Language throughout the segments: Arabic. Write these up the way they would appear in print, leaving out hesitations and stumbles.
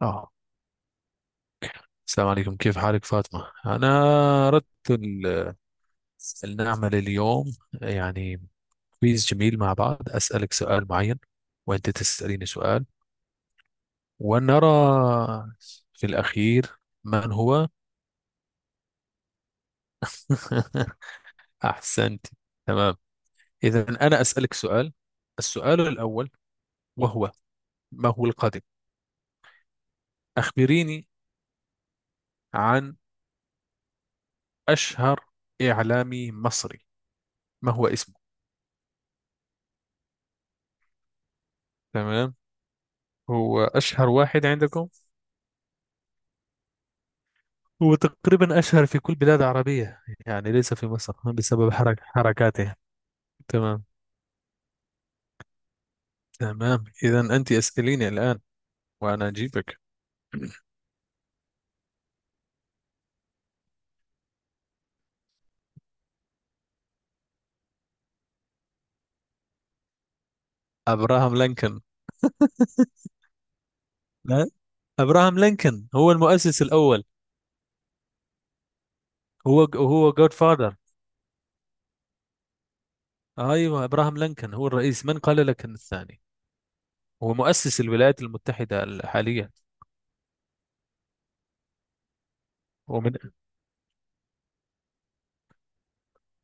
اه السلام عليكم، كيف حالك فاطمة؟ أنا أردت أن نعمل اليوم يعني كويز جميل مع بعض، أسألك سؤال معين وأنت تسأليني سؤال، ونرى في الأخير من هو. أحسنت. تمام. إذا أنا أسألك سؤال. السؤال الأول وهو ما هو القادم. أخبريني عن أشهر إعلامي مصري، ما هو اسمه؟ تمام. هو أشهر واحد عندكم. هو تقريبا أشهر في كل بلاد عربية يعني، ليس في مصر، بسبب حركاته. تمام، تمام. إذا أنت اسأليني الآن وأنا أجيبك. أبراهام لينكولن. لا، أبراهام لينكولن هو المؤسس الأول. هو جود فادر. أيوه، أبراهام لينكولن هو الرئيس، من قال لك أن الثاني هو مؤسس الولايات المتحدة الحالية؟ ومن.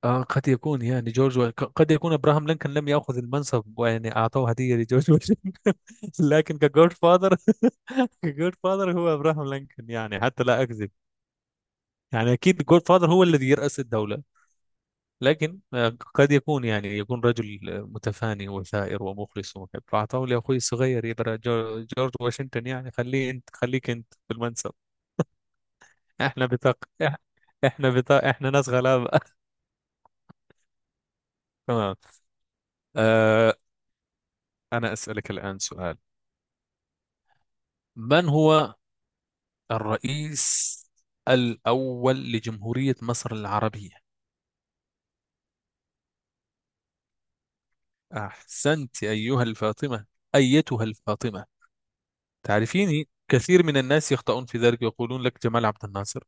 قد يكون يعني جورج قد يكون ابراهام لينكولن لم ياخذ المنصب، ويعني اعطوه هديه لجورج واشنطن. لكن كجورج فاذر، جود فاذر هو ابراهام لينكولن، يعني حتى لا اكذب. يعني اكيد جود فاذر هو الذي يرأس الدولة. لكن قد يكون يعني يكون رجل متفاني وثائر ومخلص ومحب، فاعطاه لاخوي الصغير يبقى جورج واشنطن، يعني خليه، انت خليك انت في المنصب. احنا بطاق. إح- احنا بطاق، احنا ناس غلابة. تمام. آه، انا اسألك الآن سؤال. من هو الرئيس الأول لجمهورية مصر العربية؟ أحسنت أيها الفاطمة، أيتها الفاطمة. تعرفيني، كثير من الناس يخطئون في ذلك، يقولون لك جمال عبد الناصر.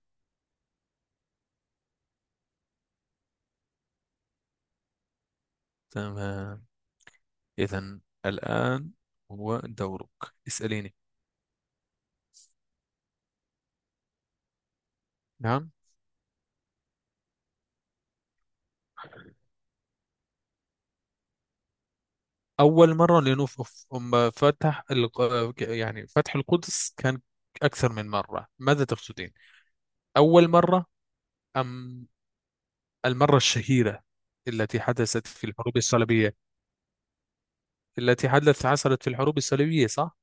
تمام. إذا الآن هو دورك، اسأليني. نعم. أول مرة لنوف، أم فتح يعني فتح القدس كان أكثر من مرة، ماذا تقصدين؟ أول مرة أم المرة الشهيرة التي حدثت في الحروب الصليبية؟ التي حدثت، حصلت في الحروب الصليبية، صح؟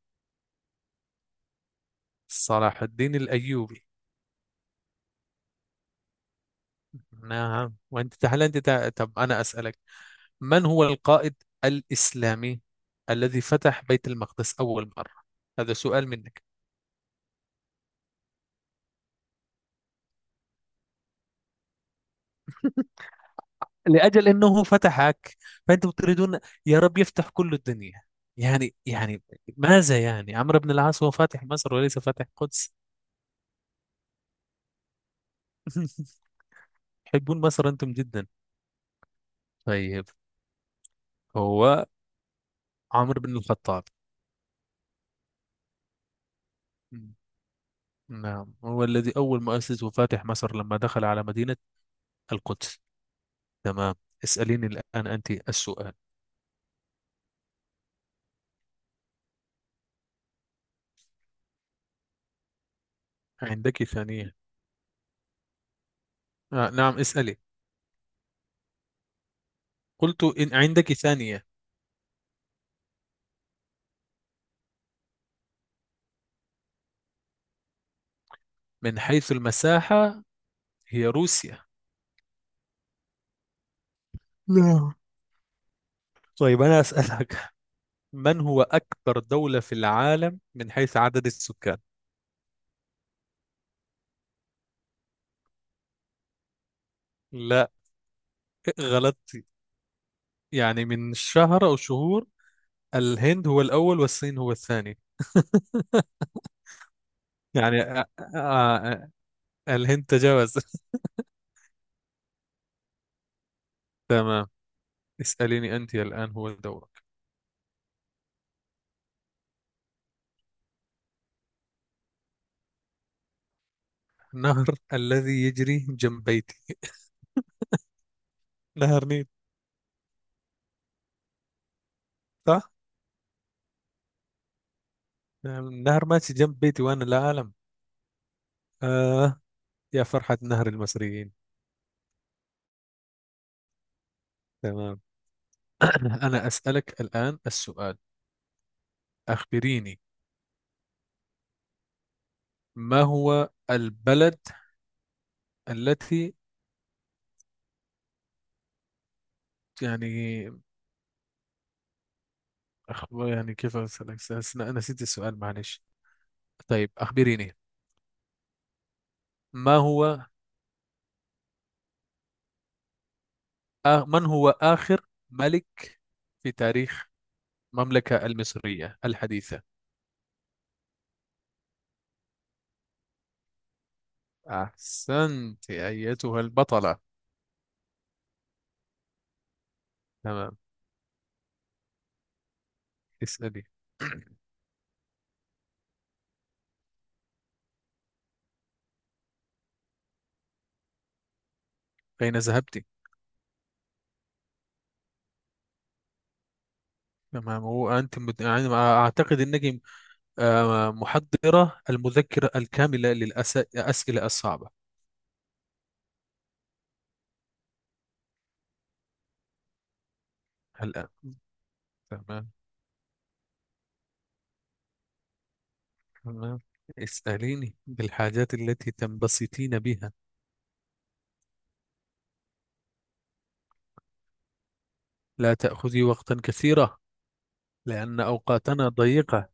صلاح الدين الأيوبي. نعم. وانت تعالى، طب انا اسالك، من هو القائد الاسلامي الذي فتح بيت المقدس اول مره؟ هذا سؤال منك. لاجل انه فتحك فانتم تريدون، يا رب يفتح كل الدنيا. يعني ماذا، يعني عمرو بن العاص هو فاتح مصر وليس فاتح القدس. تحبون مصر انتم جدا. طيب، هو عمرو بن الخطاب. نعم، هو الذي اول مؤسس وفاتح مصر، لما دخل على مدينه القدس. تمام. اسأليني الآن أنت السؤال. عندك ثانية؟ نعم، اسألي. قلت إن عندك ثانية. من حيث المساحة، هي روسيا. نعم. طيب، أنا أسألك، من هو أكبر دولة في العالم من حيث عدد السكان؟ لا، غلطت. يعني من شهر أو شهور، الهند هو الأول والصين هو الثاني. يعني آه آه، الهند تجاوز. تمام. اسأليني أنت الآن هو دورك. نهر الذي يجري جنب بيتي، نهر نيل. صح. نعم، نهر ماشي جنب بيتي وانا لا اعلم. آه يا فرحة نهر المصريين. تمام. انا اسألك الان السؤال. اخبريني، ما هو البلد التي يعني أخ... يعني كيف اسالك، أنا نسيت السؤال، معلش. طيب، اخبريني ما هو من هو اخر ملك في تاريخ المملكة المصرية الحديثة؟ احسنت ايتها البطلة. تمام. اسألي، اين ذهبت؟ تمام. هو أنت يعني أعتقد أنك محضرة المذكرة الكاملة للأسئلة الصعبة الآن. تمام، تمام. اسأليني بالحاجات التي تنبسطين بها. لا تأخذي وقتا كثيرا لأن أوقاتنا ضيقة.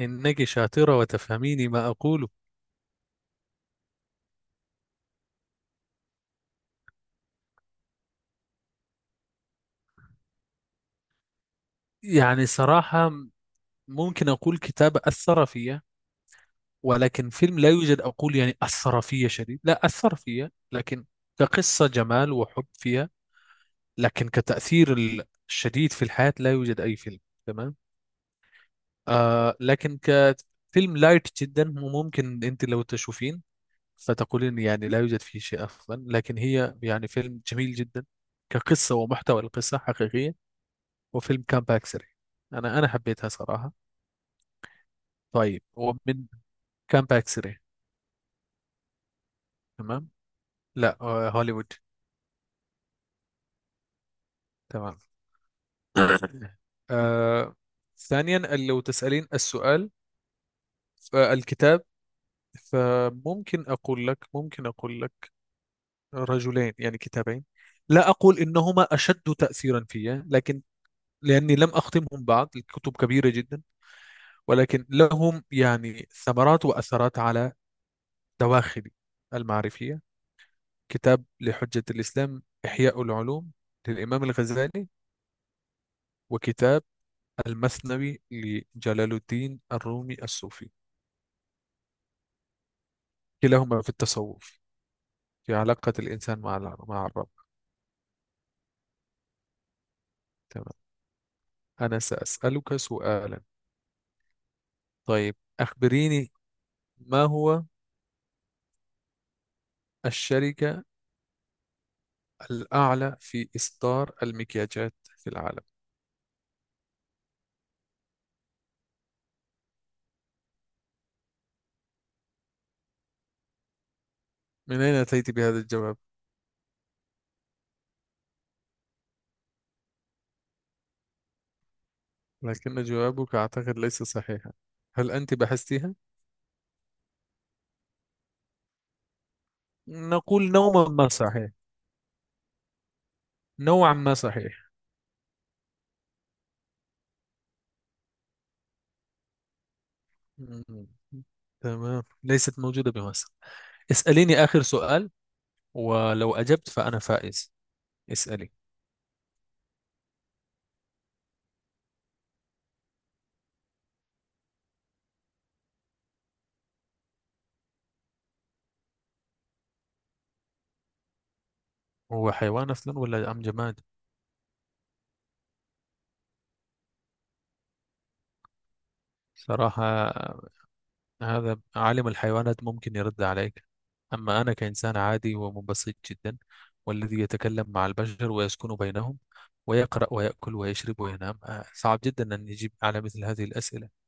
إنك شاطرة وتفهميني ما أقوله. يعني صراحة، ممكن أقول كتاب أثر فيا، ولكن فيلم لا يوجد. أقول يعني أثر فيا شديد، لا أثر فيا، لكن كقصة جمال وحب فيها، لكن كتأثير الشديد في الحياة لا يوجد أي فيلم. تمام. لكن كفيلم لايت جدا، وممكن أنت لو تشوفين فتقولين يعني لا يوجد فيه شيء أفضل، لكن هي يعني فيلم جميل جدا. كقصة، ومحتوى القصة حقيقية، وفيلم كامب سري. أنا حبيتها صراحة. طيب. ومن؟ كامب سري. تمام. لا، هوليوود. تمام. آه ثانيا لو تسألين السؤال فالكتاب، فممكن أقول لك رجلين يعني كتابين. لا أقول إنهما أشد تأثيرا في، لكن لأني لم أختمهم بعد، الكتب كبيرة جدا. ولكن لهم يعني ثمرات وأثرات على دواخلي المعرفية. كتاب لحجة الإسلام إحياء العلوم للإمام الغزالي، وكتاب المثنوي لجلال الدين الرومي الصوفي. كلاهما في التصوف، في علاقة الإنسان مع مع الرب. تمام. أنا سأسألك سؤالا. طيب، أخبريني ما هو الشركة الأعلى في إصدار المكياجات في العالم؟ من أين أتيت بهذا الجواب؟ لكن جوابك أعتقد ليس صحيحا. هل أنت بحثتها؟ نقول نوعا ما صحيح، نوعا ما صحيح. مم. تمام. ليست موجودة بمصر. اسأليني آخر سؤال، ولو أجبت فأنا فائز. اسألي. هو حيوان أصلا ولا أم جماد؟ صراحة، هذا عالم الحيوانات ممكن يرد عليك. أما أنا كإنسان عادي ومبسط جدا، والذي يتكلم مع البشر ويسكن بينهم ويقرأ ويأكل ويشرب وينام، صعب جدا أن يجيب على مثل هذه الأسئلة.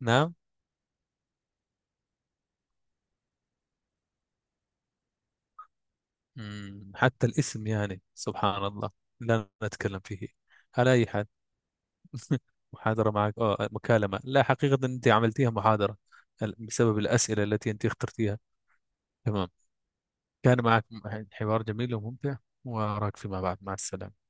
نعم. حتى الاسم يعني سبحان الله، لا نتكلم فيه. على أي حال، محاضرة معك أو مكالمة، لا حقيقة أنت عملتيها محاضرة بسبب الأسئلة التي أنت اخترتيها. تمام. كان معك حوار جميل وممتع، وأراك فيما بعد. مع السلامة.